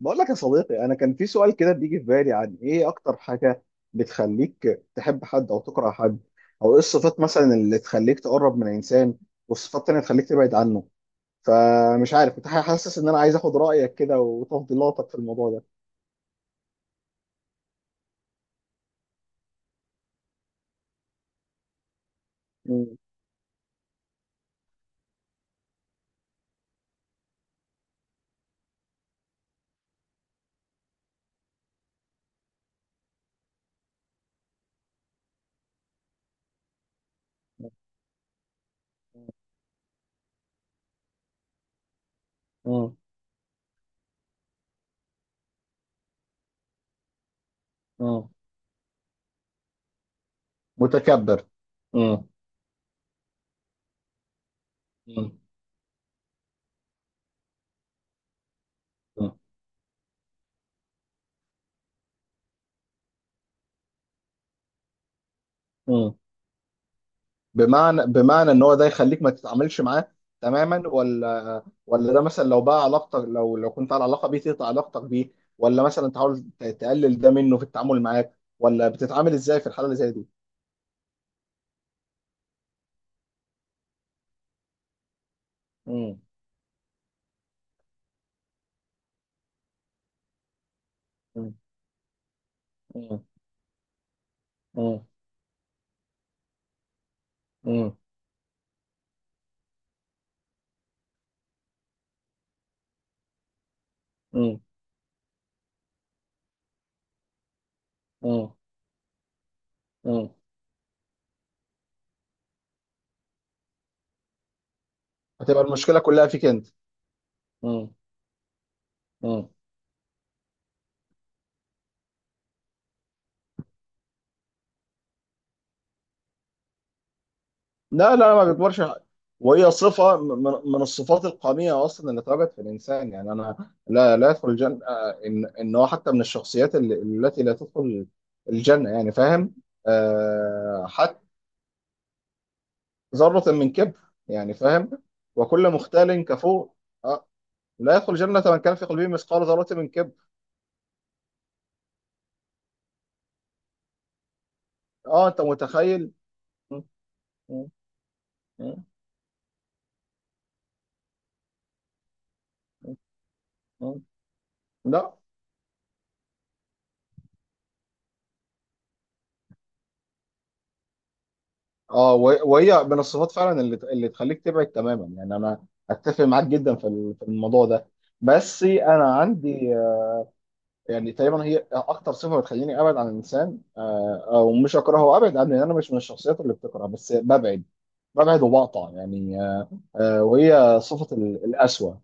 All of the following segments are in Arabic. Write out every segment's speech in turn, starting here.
بقول لك يا صديقي، انا كان في سؤال كده بيجي في بالي عن ايه اكتر حاجه بتخليك تحب حد او تكره حد، او ايه الصفات مثلا اللي تخليك تقرب من انسان، والصفات التانيه تخليك تبعد عنه. فمش عارف، كنت حاسس ان انا عايز اخد رايك كده وتفضيلاتك في الموضوع ده. مم. مم. مم. متكبر. مم. مم. مم. بمعنى ان هو ده يخليك ما تتعاملش معاه تماما، ولا ده مثلا، لو بقى علاقتك، لو كنت على علاقه بيه تقطع علاقتك بيه، ولا مثلا تحاول تقلل ده منه في التعامل معاك، ولا بتتعامل ازاي في الحاله اللي زي دي؟ مم. مم. مم. مم. مم. مم. مم. هتبقى المشكله كلها فيك انت. مم. مم. لا لا، ما بيكبرش حاجة. وهي صفة من الصفات القمية أصلا اللي اتربت في الإنسان. يعني أنا لا لا يدخل الجنة، إن هو حتى من الشخصيات التي لا تدخل الجنة، يعني فاهم. حتى ذرة من كبر، يعني فاهم، وكل مختال كفور. آه، لا يدخل الجنة من كان في قلبه مثقال ذرة من كبر. أنت متخيل. م- م- م- م- لا. اه، وهي من الصفات فعلا اللي تخليك تبعد تماما. يعني انا اتفق معاك جدا في في الموضوع ده. بس انا عندي يعني تقريبا هي اكتر صفه بتخليني ابعد عن الانسان. او مش اكرهه، ابعد عنه. يعني انا مش من الشخصيات اللي بتكره، بس ببعد، ببعد وبقطع. يعني وهي صفه القسوه.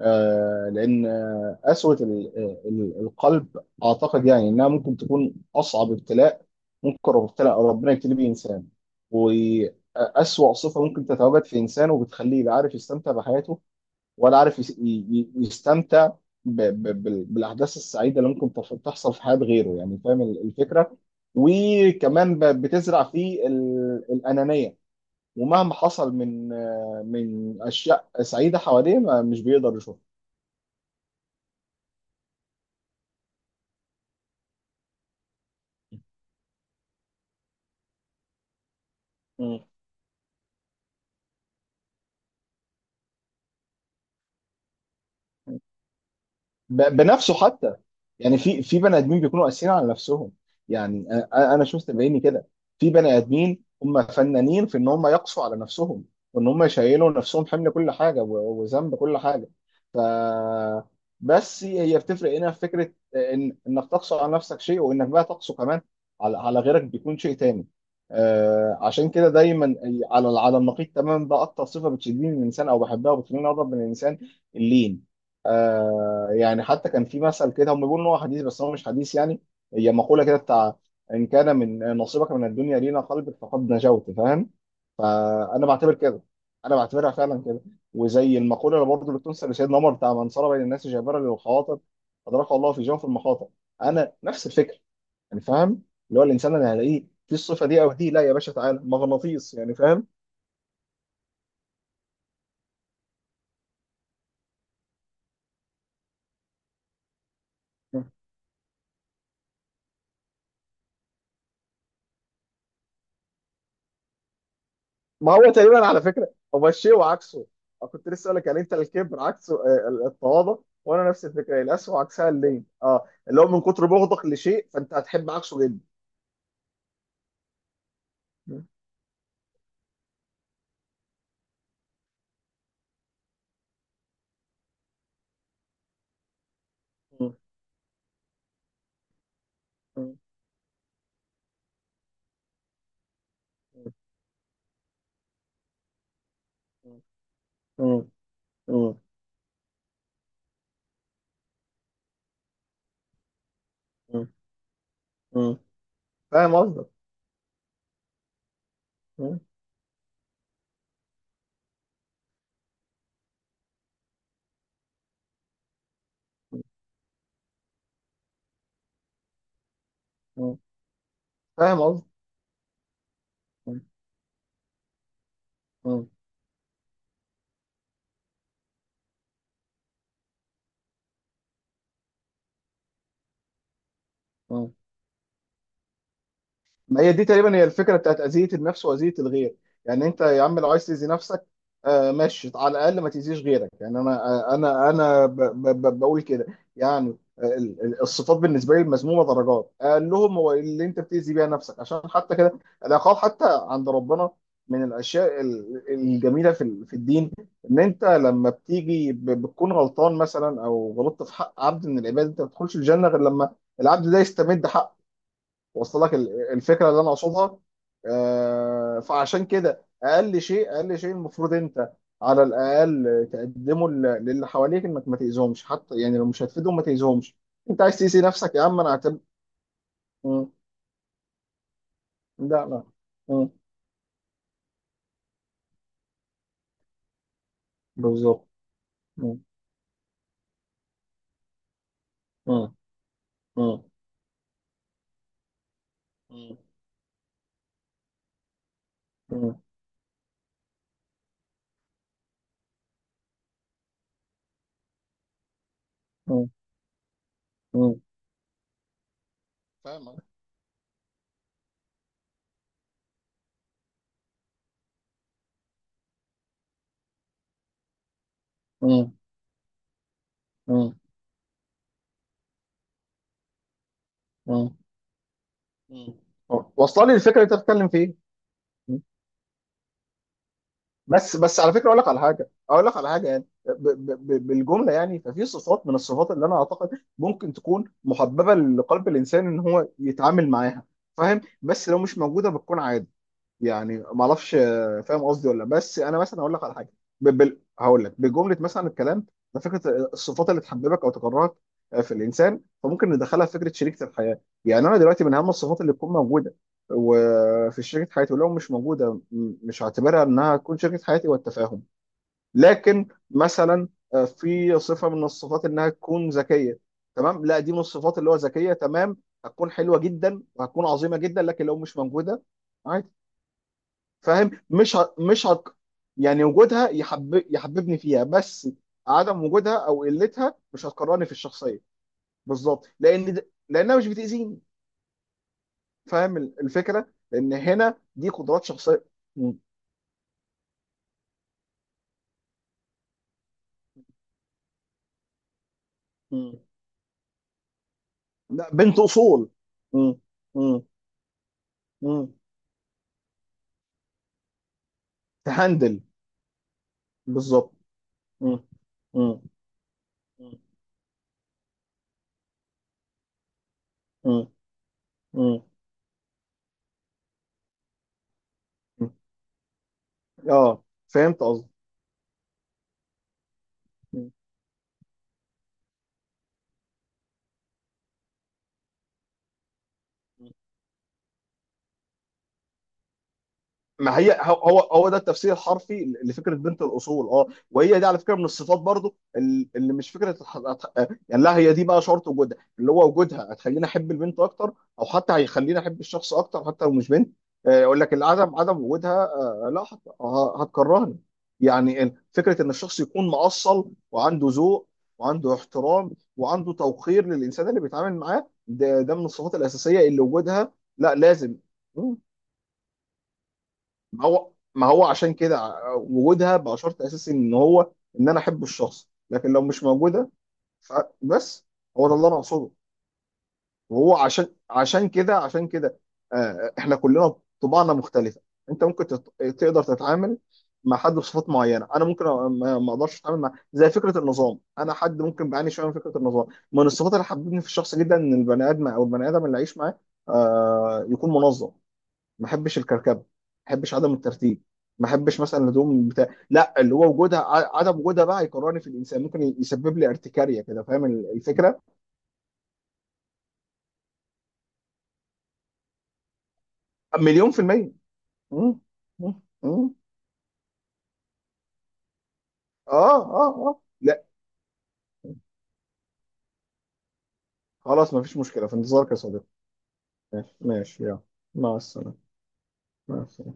لان قسوه القلب، اعتقد يعني انها ممكن تكون اصعب ابتلاء. ابتلاء ربنا يبتلي بيه انسان، واسوأ صفه ممكن تتواجد في انسان، وبتخليه لا عارف يستمتع بحياته، ولا عارف يستمتع بالاحداث السعيده اللي ممكن تحصل في حياه غيره. يعني فاهم الفكره. وكمان بتزرع فيه الانانيه. ومهما حصل من اشياء سعيده حواليه، مش بيقدر يشوفها. مم. بنفسه حتى. يعني في بني ادمين بيكونوا قاسيين على نفسهم. يعني انا شفت بعيني كده، في بني ادمين هم فنانين في ان هم يقسوا على نفسهم، وان هم يشيلوا نفسهم حمل كل حاجه وذنب كل حاجه. ف بس هي بتفرق هنا في فكره ان انك تقسو على نفسك شيء، وانك بقى تقسو كمان على غيرك بيكون شيء تاني. آه، عشان كده دايما على النقيض تماما، بقى اكتر صفه بتشدني من الانسان او بحبها وبتخليني اقرب من الانسان، اللين. آه، يعني حتى كان في مثل كده، هم بيقولوا ان هو حديث بس هو مش حديث، يعني هي مقوله كده بتاع: ان كان من نصيبك من الدنيا لينا قلبك فقد نجوت، فاهم. فانا بعتبر كده، انا بعتبرها فعلا كده. وزي المقوله اللي برضه اللي بتنسب لسيدنا عمر بتاع: من صار بين الناس جابرا للخواطر ادركه الله في جوف المخاطر. انا نفس الفكره، يعني فاهم. اللي هو الانسان اللي هلاقيه في الصفه دي او دي، لا يا باشا تعالى مغناطيس، يعني فاهم. ما هو تقريبا على فكره هو الشيء وعكسه. أنا كنت لسه اقول لك، يعني انت الكبر عكسه التواضع. وانا نفس الفكره، القسوه وعكسها اللين، اه، اللي هو من كتر بغضك لشيء فانت هتحب عكسه جدا. م- م- م- م- م- م- م- فاهم قصدك. م- م- فاهم قصدك. م- م- ما هي دي تقريبا هي الفكره بتاعت اذيه النفس واذيه الغير. يعني انت يا عم لو عايز تاذي نفسك، آه ماشي، على الاقل ما تاذيش غيرك. يعني انا آه، انا انا ب ب ب بقول كده. يعني الصفات بالنسبه لي المذمومه درجات اقل لهم، هو اللي انت بتاذي بيها نفسك. عشان حتى كده العقاب حتى عند ربنا من الاشياء الجميله في في الدين، ان انت لما بتيجي بتكون غلطان مثلا، او غلطت في حق عبد من العباد، انت ما بتدخلش الجنه غير لما العبد ده يستمد حقه. وصل لك الفكره اللي انا اقصدها؟ فعشان كده اقل شيء، اقل شيء المفروض انت على الاقل تقدمه للي حواليك، انك ما تاذيهمش. حتى يعني لو مش هتفيدهم ما تاذيهمش. انت عايز تاذي نفسك يا عم انا هعتبر. مم. لا لا. مم. بالظبط. مم. مم. مم. مم. مم. مم. مم. فاهم. مم. مم. مم. واصله لي الفكره اللي انت بتتكلم فيها. بس بس على فكره، اقول لك على حاجه، يعني ب ب ب بالجمله. يعني ففي صفات من الصفات اللي انا اعتقد ممكن تكون محببه لقلب الانسان ان هو يتعامل معاها، فاهم. بس لو مش موجوده بتكون عادي. يعني ما اعرفش، آه، فاهم قصدي ولا لأ. بس انا مثلا هقول لك على حاجه. هقول لك بجمله مثلا. الكلام ده فكره الصفات اللي تحببك او تكرهك في الانسان. فممكن ندخلها في فكره شريكه الحياه. يعني انا دلوقتي من اهم الصفات اللي تكون موجوده وفي شريكه حياتي، ولو مش موجوده مش هعتبرها انها تكون شريكه حياتي، والتفاهم. لكن مثلا في صفه من الصفات انها تكون ذكيه. تمام، لا، دي من الصفات اللي هو ذكيه تمام، هتكون حلوه جدا وهتكون عظيمه جدا. لكن لو مش موجوده عادي. فاهم، مش ه... مش ه... يعني وجودها يحببني فيها. بس عدم وجودها او قلتها مش هتكرهني في الشخصيه. بالظبط، لان لانها مش بتاذيني. فاهم الفكره، لان هنا دي قدرات شخصيه. م. م. لا، بنت اصول. م. م. م. تهندل. بالظبط. م. م. م. م. م. م. اه، فهمت قصدي. م. ما هي، هو هو هو ده التفسير الحرفي لفكره بنت الاصول. اه، وهي دي على فكره من الصفات برضو اللي مش فكره يعني، لا هي دي بقى شرط وجودها، اللي هو وجودها هتخليني احب البنت اكتر، او حتى هيخليني احب الشخص اكتر حتى لو مش بنت. يقول لك العدم، عدم وجودها، لا هتكرهني. يعني فكره ان الشخص يكون مؤصل وعنده ذوق وعنده احترام وعنده توقير للانسان اللي بيتعامل معاه، ده ده من الصفات الاساسيه اللي وجودها لا لازم. ما هو عشان كده وجودها بقى شرط اساسي ان هو ان انا احب الشخص، لكن لو مش موجوده فبس. هو ده اللي انا اقصده. وهو عشان كده آه، احنا كلنا طباعنا مختلفه. انت ممكن تقدر تتعامل مع حد بصفات معينه، انا ممكن ما اقدرش اتعامل، مع زي فكره النظام. انا حد ممكن بعاني شويه من فكره النظام، من الصفات اللي حببتني في الشخص جدا ان البني ادم او البني ادم اللي عايش معاه يكون منظم. ما احبش الكركبه، ما احبش عدم الترتيب، ما احبش مثلا الهدوم بتاع، لا. اللي هو وجودها، عدم وجودها بقى يكرهني في الانسان، ممكن يسبب لي ارتكاريه كده. فاهم الفكره. 1,000,000%. مم. مم. مم. اه اه اه، لا خلاص، ما فيش مشكله، في انتظارك يا صديقي. ماشي ماشي يلا. مع السلامه. مع السلامه.